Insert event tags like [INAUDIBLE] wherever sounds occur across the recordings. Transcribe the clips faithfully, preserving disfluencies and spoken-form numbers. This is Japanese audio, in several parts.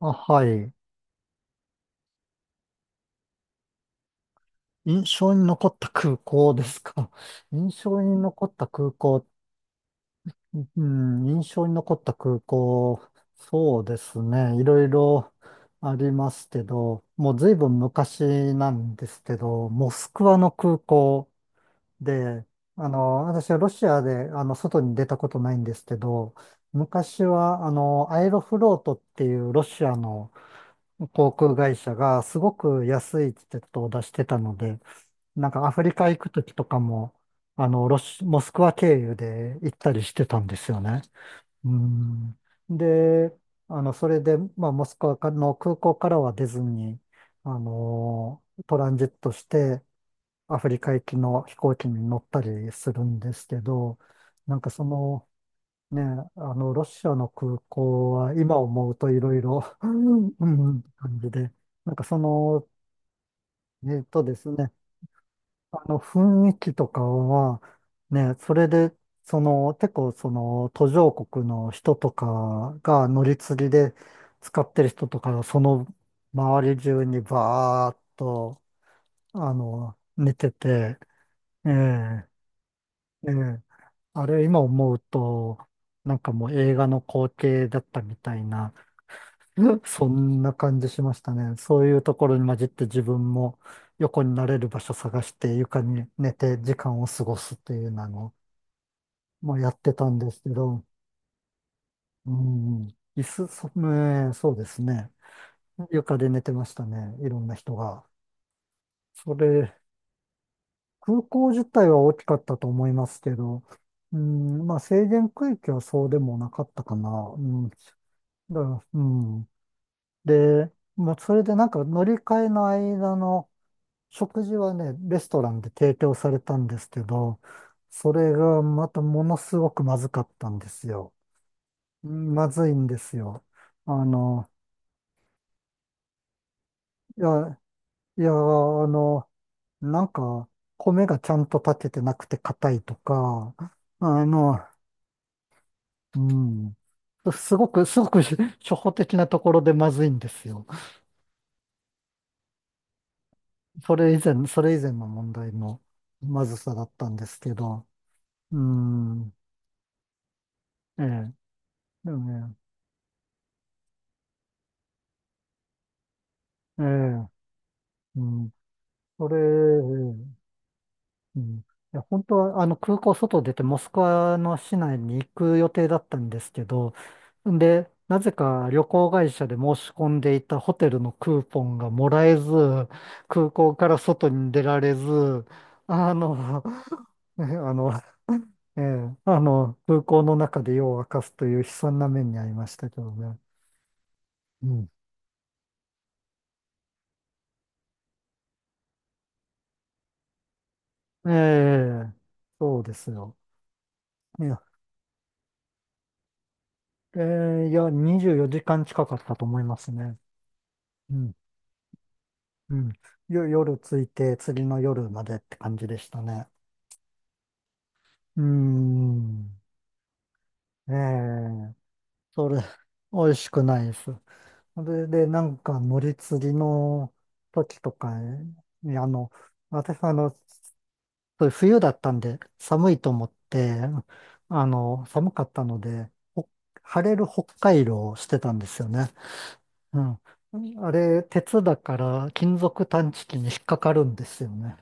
あ、はい。印象に残った空港ですか。[LAUGHS] 印象に残った空港、うん、印象に残った空港、そうですね。いろいろありますけど、もう随分昔なんですけど、モスクワの空港で、あの、私はロシアで、あの、外に出たことないんですけど、昔は、あの、アエロフロートっていうロシアの、航空会社がすごく安いチケットを出してたので、なんかアフリカ行くときとかも、あの、ロシ、モスクワ経由で行ったりしてたんですよね。うん。で、あの、それで、まあ、モスクワの空港からは出ずに、あの、トランジットして、アフリカ行きの飛行機に乗ったりするんですけど、なんかその、ねえ、あの、ロシアの空港は今思うといろいろ、[LAUGHS] うんうん感じで、なんかその、えっとですね、あの、雰囲気とかは、ね、それで、その、結構その、途上国の人とかが乗り継ぎで使ってる人とかが、その周り中にバーっと、あの、寝てて、ええ、ええ、あれ今思うと、なんかもう映画の光景だったみたいな、[LAUGHS] そんな感じしましたね。そういうところに混じって自分も横になれる場所探して床に寝て時間を過ごすっていうのをもうやってたんですけど、うん、椅子、そ、ねそうですね。床で寝てましたね。いろんな人が。それ、空港自体は大きかったと思いますけど、うん、まあ制限区域はそうでもなかったかな。うん、だから、うん。で、もうそれでなんか乗り換えの間の食事はね、レストランで提供されたんですけど、それがまたものすごくまずかったんですよ。うんまずいんですよ。あの、いや、いや、あの、なんか、米がちゃんと炊けてなくて硬いとか、あの、うん、すごく、すごく [LAUGHS] 初歩的なところでまずいんですよ。それ以前、それ以前の問題のまずさだったんですけど、うん、ええ、でもね、ええ、うんそれ、うんいや、本当は、あの、空港外出て、モスクワの市内に行く予定だったんですけど、んで、なぜか旅行会社で申し込んでいたホテルのクーポンがもらえず、空港から外に出られず、あの、[LAUGHS] ねあの、ええ、あの、空港の中で夜を明かすという悲惨な目に遭いましたけどね。うん。ええ、そうですよ。いや、ええ、いや、にじゅうよじかん近かったと思いますね。うん、うん。よ、夜着いて、次の夜までって感じでしたね。うーん。ええそれ、美味しくないです。それで、なんか、乗り継ぎの時とかに、あの、私、あの、そう冬だったんで、寒いと思って、あの、寒かったので、ほ晴れる北海道をしてたんですよね。うん。あれ、鉄だから金属探知機に引っかかるんですよね。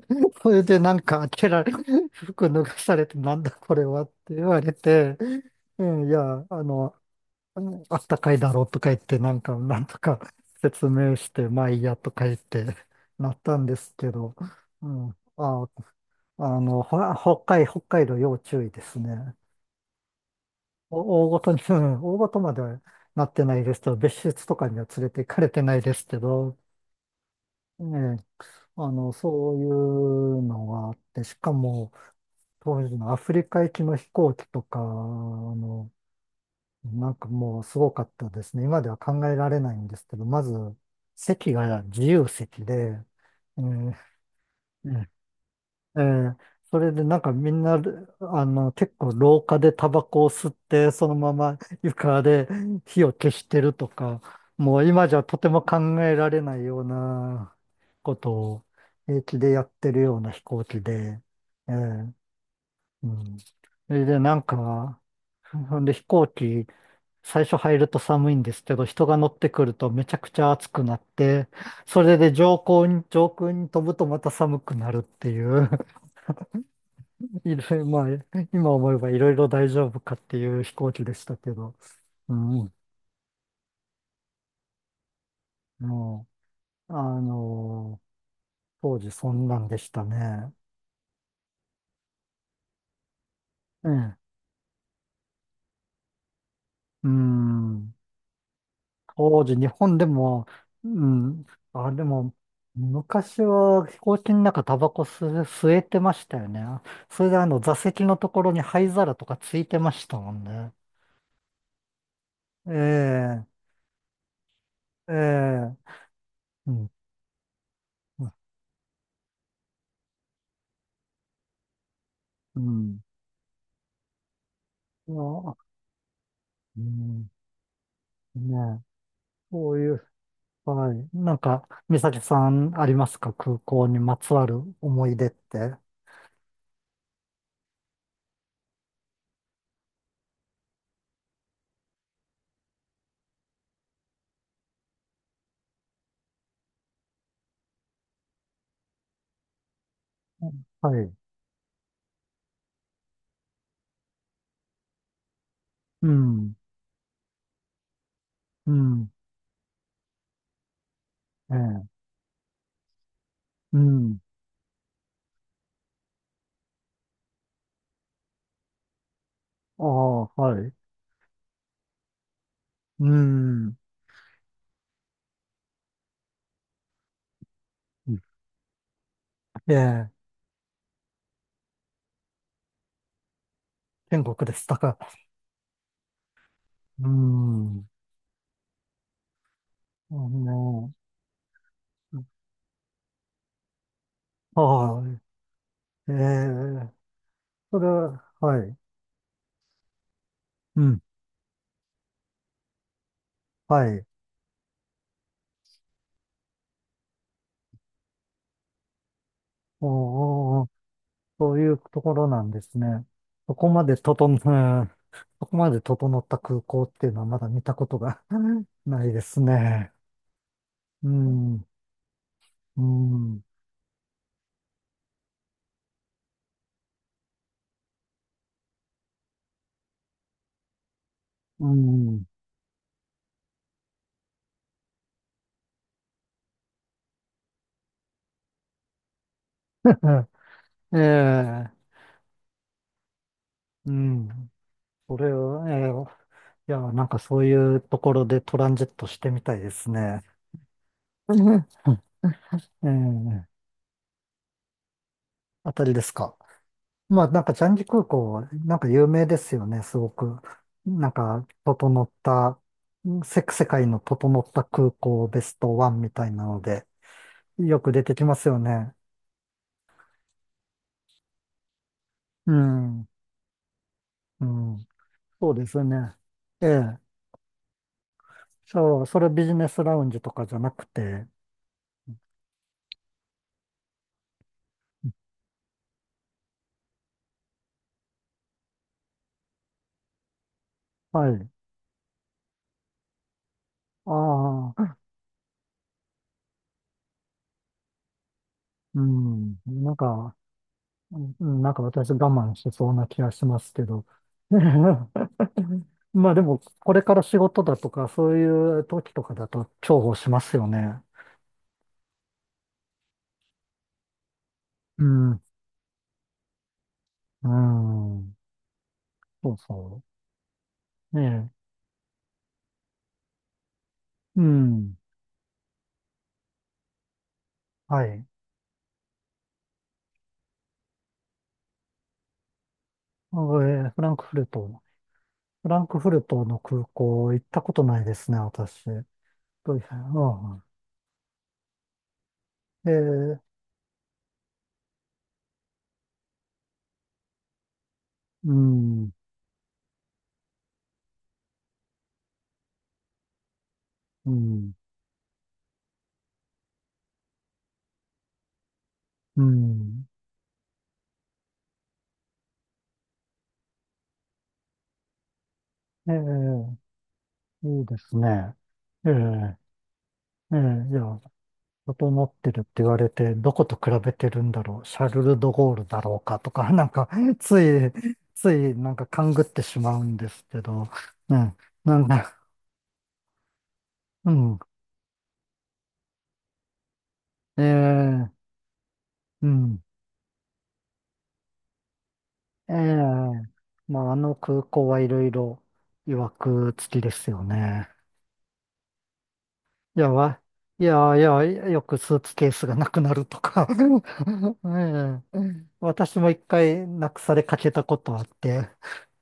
[LAUGHS] それでなんか開けられ、[LAUGHS] 服脱がされてなんだこれはって言われて、うんいや、あの、うんあったかいだろうとか言って、なんか、なんとか説明して、まあいいやとか言って、なったんですけど、うん、あ、あの、ほ北海、北海道要注意ですね。お大ごとに、うん大ごとまではなってないですけど、別室とかには連れて行かれてないですけど、ね、あの、そういうのがあって、しかも、当時のアフリカ行きの飛行機とかあの、なんかもうすごかったですね。今では考えられないんですけど、まず、席が自由席で、えーうんえーそれでなんかみんな、あの、結構廊下でタバコを吸って、そのまま床で火を消してるとか、もう今じゃとても考えられないようなことを平気でやってるような飛行機で、えーうん。それで、なんか、ほんで飛行機、最初入ると寒いんですけど、人が乗ってくるとめちゃくちゃ暑くなって、それで上空に、上空に飛ぶとまた寒くなるっていう、[LAUGHS] いろいろ、まあ、今思えばいろいろ大丈夫かっていう飛行機でしたけど、うん、もう、あの当時そんなんでしたね。ええうん。当時、日本でも、うん、あ、でも、昔は飛行機の中タバコ吸、吸えてましたよね。それであの座席のところに灰皿とかついてましたもんね。ええ、ええ、うん、うん。うんあうん、ね、そういう、はい。なんか、美咲さんありますか空港にまつわる思い出って。はい。うん、うん、ええ、うん。ああ、はい。うん。ええ、天国でしたか。うーん。あの、はい。ええ、それは、はい。うん。はい。おお、そういうところなんですね。そこまで整う、[LAUGHS] うんそこまで整った空港っていうのはまだ見たことが [LAUGHS] ないですね。うん。うん。うん。[LAUGHS] ええ、うん。それは、ええ、いや、なんかそういうところでトランジットしてみたいですね。[LAUGHS] ええ、あたりですか。まあ、なんか、ジャンジ空港、なんか有名ですよね、すごく。なんか、整った、せ、世界の整った空港ベストワンみたいなので、よく出てきますよね。うん、うん、そうですね。ええ、そう、それビジネスラウンジとかじゃなくて、はい。ああ、うん、なんか、うんなんか私我慢しそうな気がしますけど。[LAUGHS] まあでも、これから仕事だとか、そういう時とかだと重宝しますよね。うん、うん、そうそう。ねえ、うん、はい。あえーフランクフルト。フランクフルトの空港行ったことないですね、私。どういううん、えーうん、うん、うん。えーいいですね。えええじいや、整ってるって言われて、どこと比べてるんだろう、シャルル・ド・ゴールだろうかとか、[LAUGHS] なんか、つい、つい、なんか勘ぐってしまうんですけど、ねなんか、うん、ええうん、ええまあ、あの空港はいろいろ、曰く付きですよね。いや、わ、いや、いや、よくスーツケースがなくなるとか [LAUGHS]、ええ私も一回なくされかけたことあって、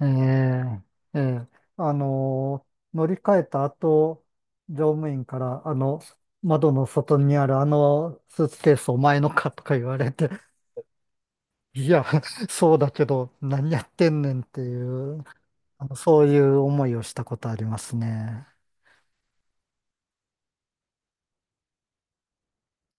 ええ、ええ、あの乗り換えた後、乗務員から、あの、窓の外にあるあのスーツケースお前のかとか言われて、[LAUGHS] いや、そうだけど、何やってんねんっていう、あの、そういう思いをしたことありますね。